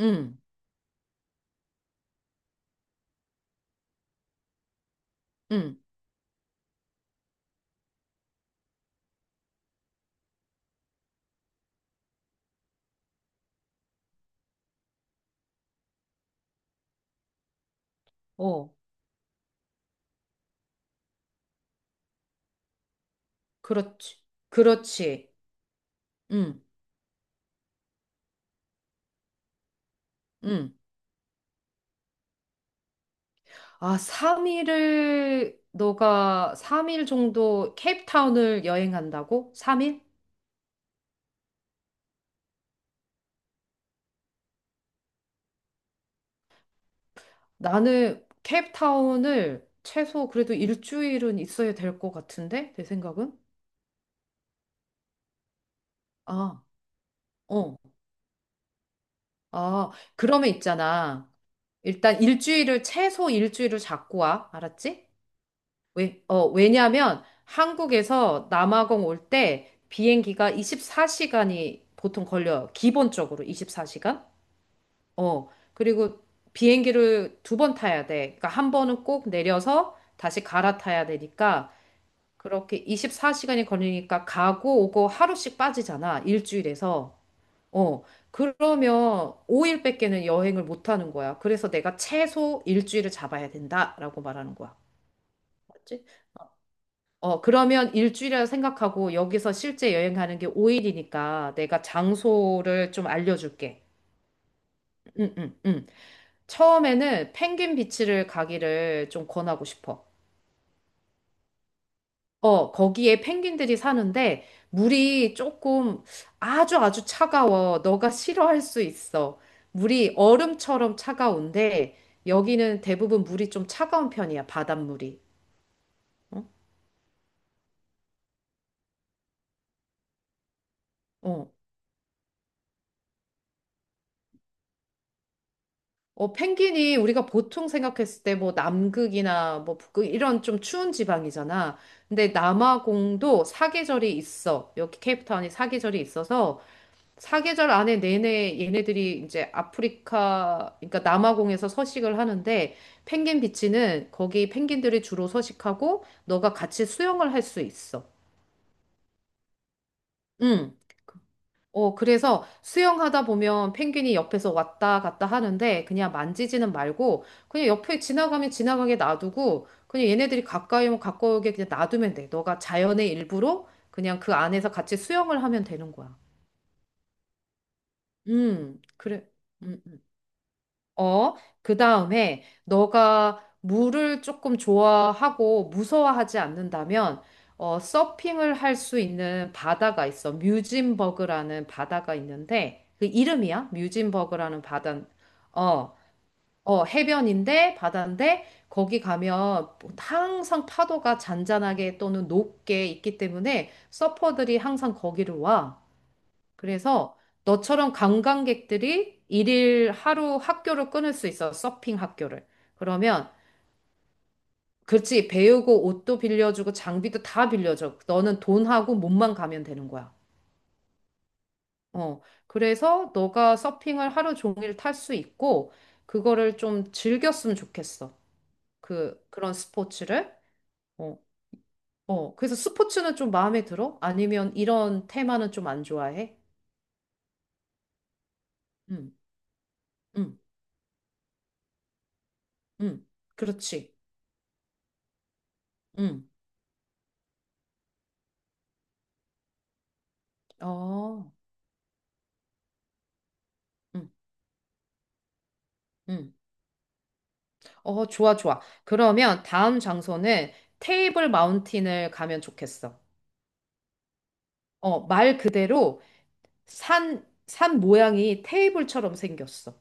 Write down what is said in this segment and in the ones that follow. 응, 응, 어, 그렇지. 그렇지. 응, 응. 아, 너가 3일 정도 케이프타운을 여행한다고? 3일? 나는 케이프타운을 최소 그래도 일주일은 있어야 될 것 같은데? 내 생각은? 아, 어. 아, 그러면 있잖아. 일단 일주일을, 최소 일주일을 잡고 와. 알았지? 왜냐면 한국에서 남아공 올 때 비행기가 24시간이 보통 걸려요. 기본적으로 24시간? 어, 그리고 비행기를 두 번 타야 돼. 그러니까 한 번은 꼭 내려서 다시 갈아타야 되니까 그렇게 24시간이 걸리니까 가고 오고 하루씩 빠지잖아. 일주일에서. 어, 그러면 5일밖에는 여행을 못 하는 거야. 그래서 내가 최소 일주일을 잡아야 된다라고 말하는 거야. 맞지? 어, 그러면 일주일이라 생각하고 여기서 실제 여행 가는 게 5일이니까 내가 장소를 좀 알려줄게. 응, 응, 응. 처음에는 펭귄 비치를 가기를 좀 권하고 싶어. 어, 거기에 펭귄들이 사는데 물이 조금 아주 아주 차가워. 너가 싫어할 수 있어. 물이 얼음처럼 차가운데 여기는 대부분 물이 좀 차가운 편이야, 바닷물이. 어, 어, 펭귄이 우리가 보통 생각했을 때 뭐 남극이나 뭐 북극 이런 좀 추운 지방이잖아. 근데 남아공도 사계절이 있어. 여기 케이프타운이 사계절이 있어서 사계절 안에 내내 얘네들이 이제 아프리카, 그러니까 남아공에서 서식을 하는데 펭귄 비치는 거기 펭귄들이 주로 서식하고 너가 같이 수영을 할 수 있어. 응. 어, 그래서 수영하다 보면 펭귄이 옆에서 왔다 갔다 하는데 그냥 만지지는 말고 그냥 옆에 지나가면 지나가게 놔두고 그냥 얘네들이 가까이 오면 가까이 오게 그냥 놔두면 돼. 너가 자연의 일부로 그냥 그 안에서 같이 수영을 하면 되는 거야. 그래. 음, 음. 어, 그 다음에 너가 물을 조금 좋아하고 무서워하지 않는다면, 어, 서핑을 할 수 있는 바다가 있어. 뮤진버그라는 바다가 있는데, 그 이름이야? 뮤진버그라는 바다. 어, 어, 바다인데, 거기 가면 항상 파도가 잔잔하게 또는 높게 있기 때문에 서퍼들이 항상 거기를 와. 그래서 너처럼 관광객들이 일일 하루 학교를 끊을 수 있어, 서핑 학교를. 그러면, 그렇지, 배우고 옷도 빌려주고 장비도 다 빌려줘. 너는 돈하고 몸만 가면 되는 거야. 어, 그래서 너가 서핑을 하루 종일 탈 수 있고, 그거를 좀 즐겼으면 좋겠어. 그런 스포츠를. 어, 어. 그래서 스포츠는 좀 마음에 들어? 아니면 이런 테마는 좀 안 좋아해? 응, 응, 응. 그렇지. 응. 어. 음. 음. 어, 좋아, 좋아. 그러면 다음 장소는 테이블 마운틴을 가면 좋겠어. 어, 말 그대로 산 모양이 테이블처럼 생겼어.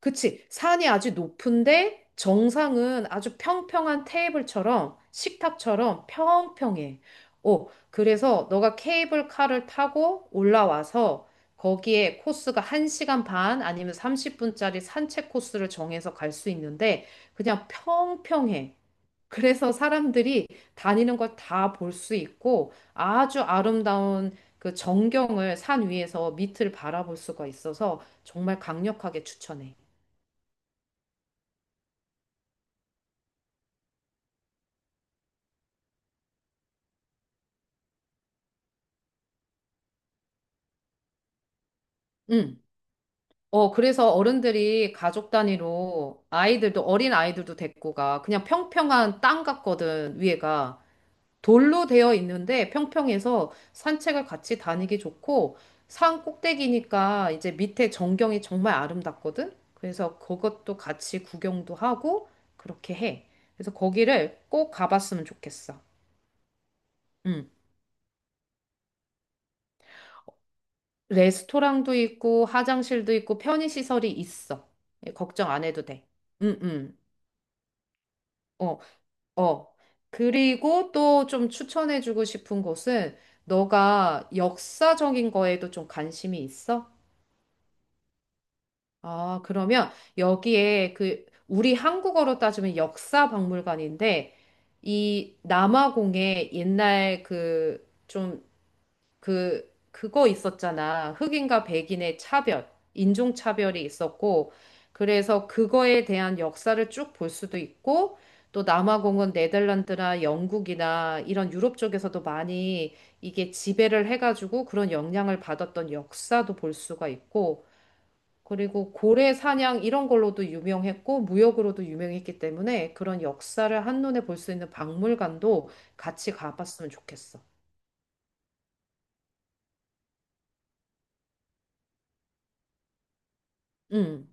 그치? 산이 아주 높은데 정상은 아주 평평한 테이블처럼 식탁처럼 평평해. 어, 그래서 너가 케이블카를 타고 올라와서 거기에 코스가 1시간 반 아니면 30분짜리 산책 코스를 정해서 갈 수 있는데 그냥 평평해. 그래서 사람들이 다니는 걸 다 볼 수 있고 아주 아름다운 그 전경을 산 위에서 밑을 바라볼 수가 있어서 정말 강력하게 추천해. 응. 어, 그래서 어른들이 가족 단위로 아이들도 어린 아이들도 데리고 가. 그냥 평평한 땅 같거든, 위에가. 돌로 되어 있는데 평평해서 산책을 같이 다니기 좋고 산 꼭대기니까 이제 밑에 전경이 정말 아름답거든. 그래서 그것도 같이 구경도 하고 그렇게 해. 그래서 거기를 꼭 가봤으면 좋겠어. 음. 레스토랑도 있고 화장실도 있고 편의시설이 있어. 예, 걱정 안 해도 돼. 음, 음. 어, 어. 그리고 또 좀 추천해주고 싶은 곳은 너가 역사적인 거에도 좀 관심이 있어? 아, 그러면 여기에 그 우리 한국어로 따지면 역사 박물관인데 이 남아공에 옛날 그 좀 그거 있었잖아. 흑인과 백인의 차별, 인종 차별이 있었고 그래서 그거에 대한 역사를 쭉 볼 수도 있고 또 남아공은 네덜란드나 영국이나 이런 유럽 쪽에서도 많이 이게 지배를 해가지고 그런 영향을 받았던 역사도 볼 수가 있고 그리고 고래 사냥 이런 걸로도 유명했고 무역으로도 유명했기 때문에 그런 역사를 한눈에 볼 수 있는 박물관도 같이 가봤으면 좋겠어. 응,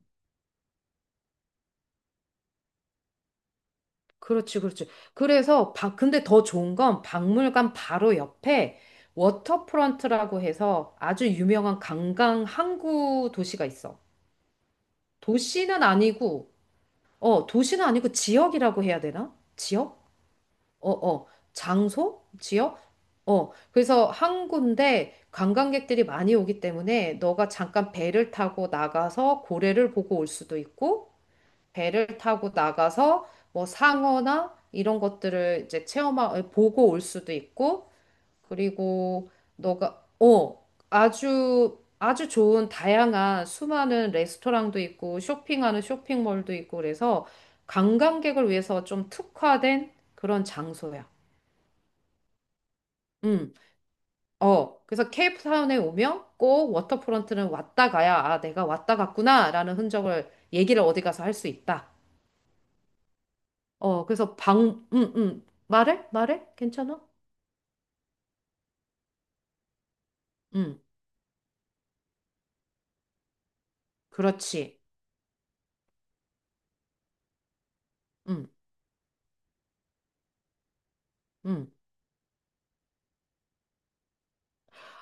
그렇지, 그렇지. 그래서 근데 더 좋은 건 박물관 바로 옆에 워터프런트라고 해서 아주 유명한 관광 항구 도시가 있어. 도시는 아니고, 도시는 아니고 지역이라고 해야 되나? 지역? 어, 어, 장소? 지역? 어, 그래서 한 군데 관광객들이 많이 오기 때문에 너가 잠깐 배를 타고 나가서 고래를 보고 올 수도 있고, 배를 타고 나가서 뭐 상어나 이런 것들을 이제 보고 올 수도 있고, 그리고 너가, 어, 아주, 아주 좋은 다양한 수많은 레스토랑도 있고, 쇼핑하는 쇼핑몰도 있고, 그래서 관광객을 위해서 좀 특화된 그런 장소야. 음, 어. 그래서 케이프타운에 오면 꼭 워터프론트는 왔다 가야, 아, 내가 왔다 갔구나, 라는 흔적을, 얘기를 어디 가서 할 수 있다. 어, 그래서 말해? 말해? 괜찮아? 음, 그렇지. 음, 음.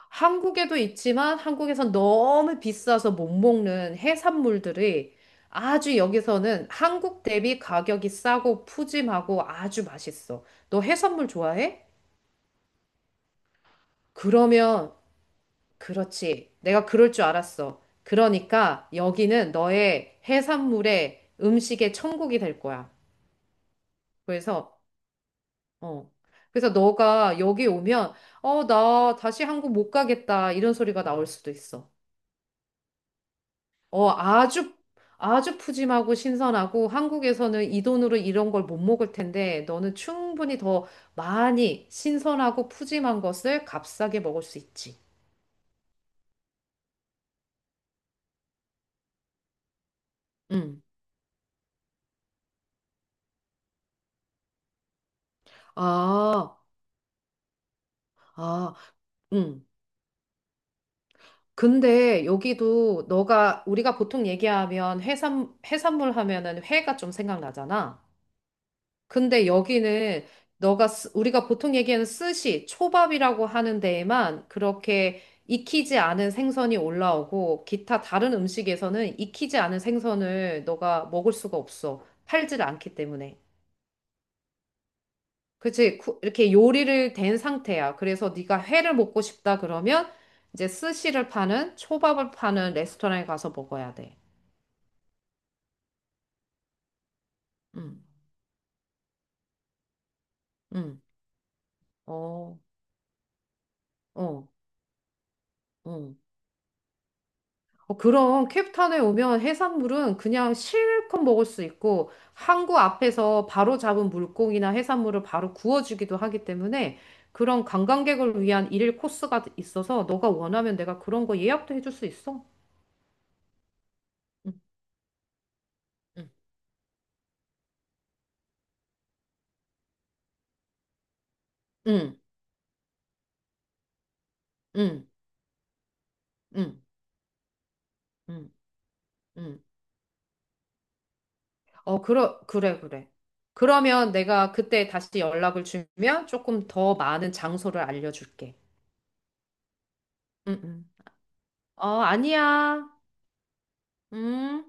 한국에도 있지만 한국에선 너무 비싸서 못 먹는 해산물들이 아주 여기서는 한국 대비 가격이 싸고 푸짐하고 아주 맛있어. 너 해산물 좋아해? 그러면 그렇지. 내가 그럴 줄 알았어. 그러니까 여기는 너의 해산물의 음식의 천국이 될 거야. 그래서, 어. 그래서 너가 여기 오면, 어, 나 다시 한국 못 가겠다. 이런 소리가 나올 수도 있어. 어, 아주, 아주 푸짐하고 신선하고 한국에서는 이 돈으로 이런 걸 못 먹을 텐데 너는 충분히 더 많이 신선하고 푸짐한 것을 값싸게 먹을 수 있지. 응. 아, 아. 응. 근데 여기도 너가 우리가 보통 얘기하면 해산물 하면은 회가 좀 생각나잖아. 근데 여기는 너가 우리가 보통 얘기하는 스시, 초밥이라고 하는 데에만 그렇게 익히지 않은 생선이 올라오고 기타 다른 음식에서는 익히지 않은 생선을 너가 먹을 수가 없어. 팔질 않기 때문에. 그치? 이렇게 요리를 된 상태야. 그래서 네가 회를 먹고 싶다 그러면 이제 스시를 파는 초밥을 파는 레스토랑에 가서 먹어야 돼. 음, 음, 어, 어, 어. 어, 그럼 캡탄에 오면 해산물은 그냥 실컷 먹을 수 있고 항구 앞에서 바로 잡은 물고기나 해산물을 바로 구워주기도 하기 때문에 그런 관광객을 위한 일일 코스가 있어서 너가 원하면 내가 그런 거 예약도 해줄 수 있어. 응, 응, 응, 응, 응, 응. 응. 어, 그래, 그래. 그러면 내가 그때 다시 연락을 주면 조금 더 많은 장소를 알려줄게. 응, 응. 어, 아니야. 음.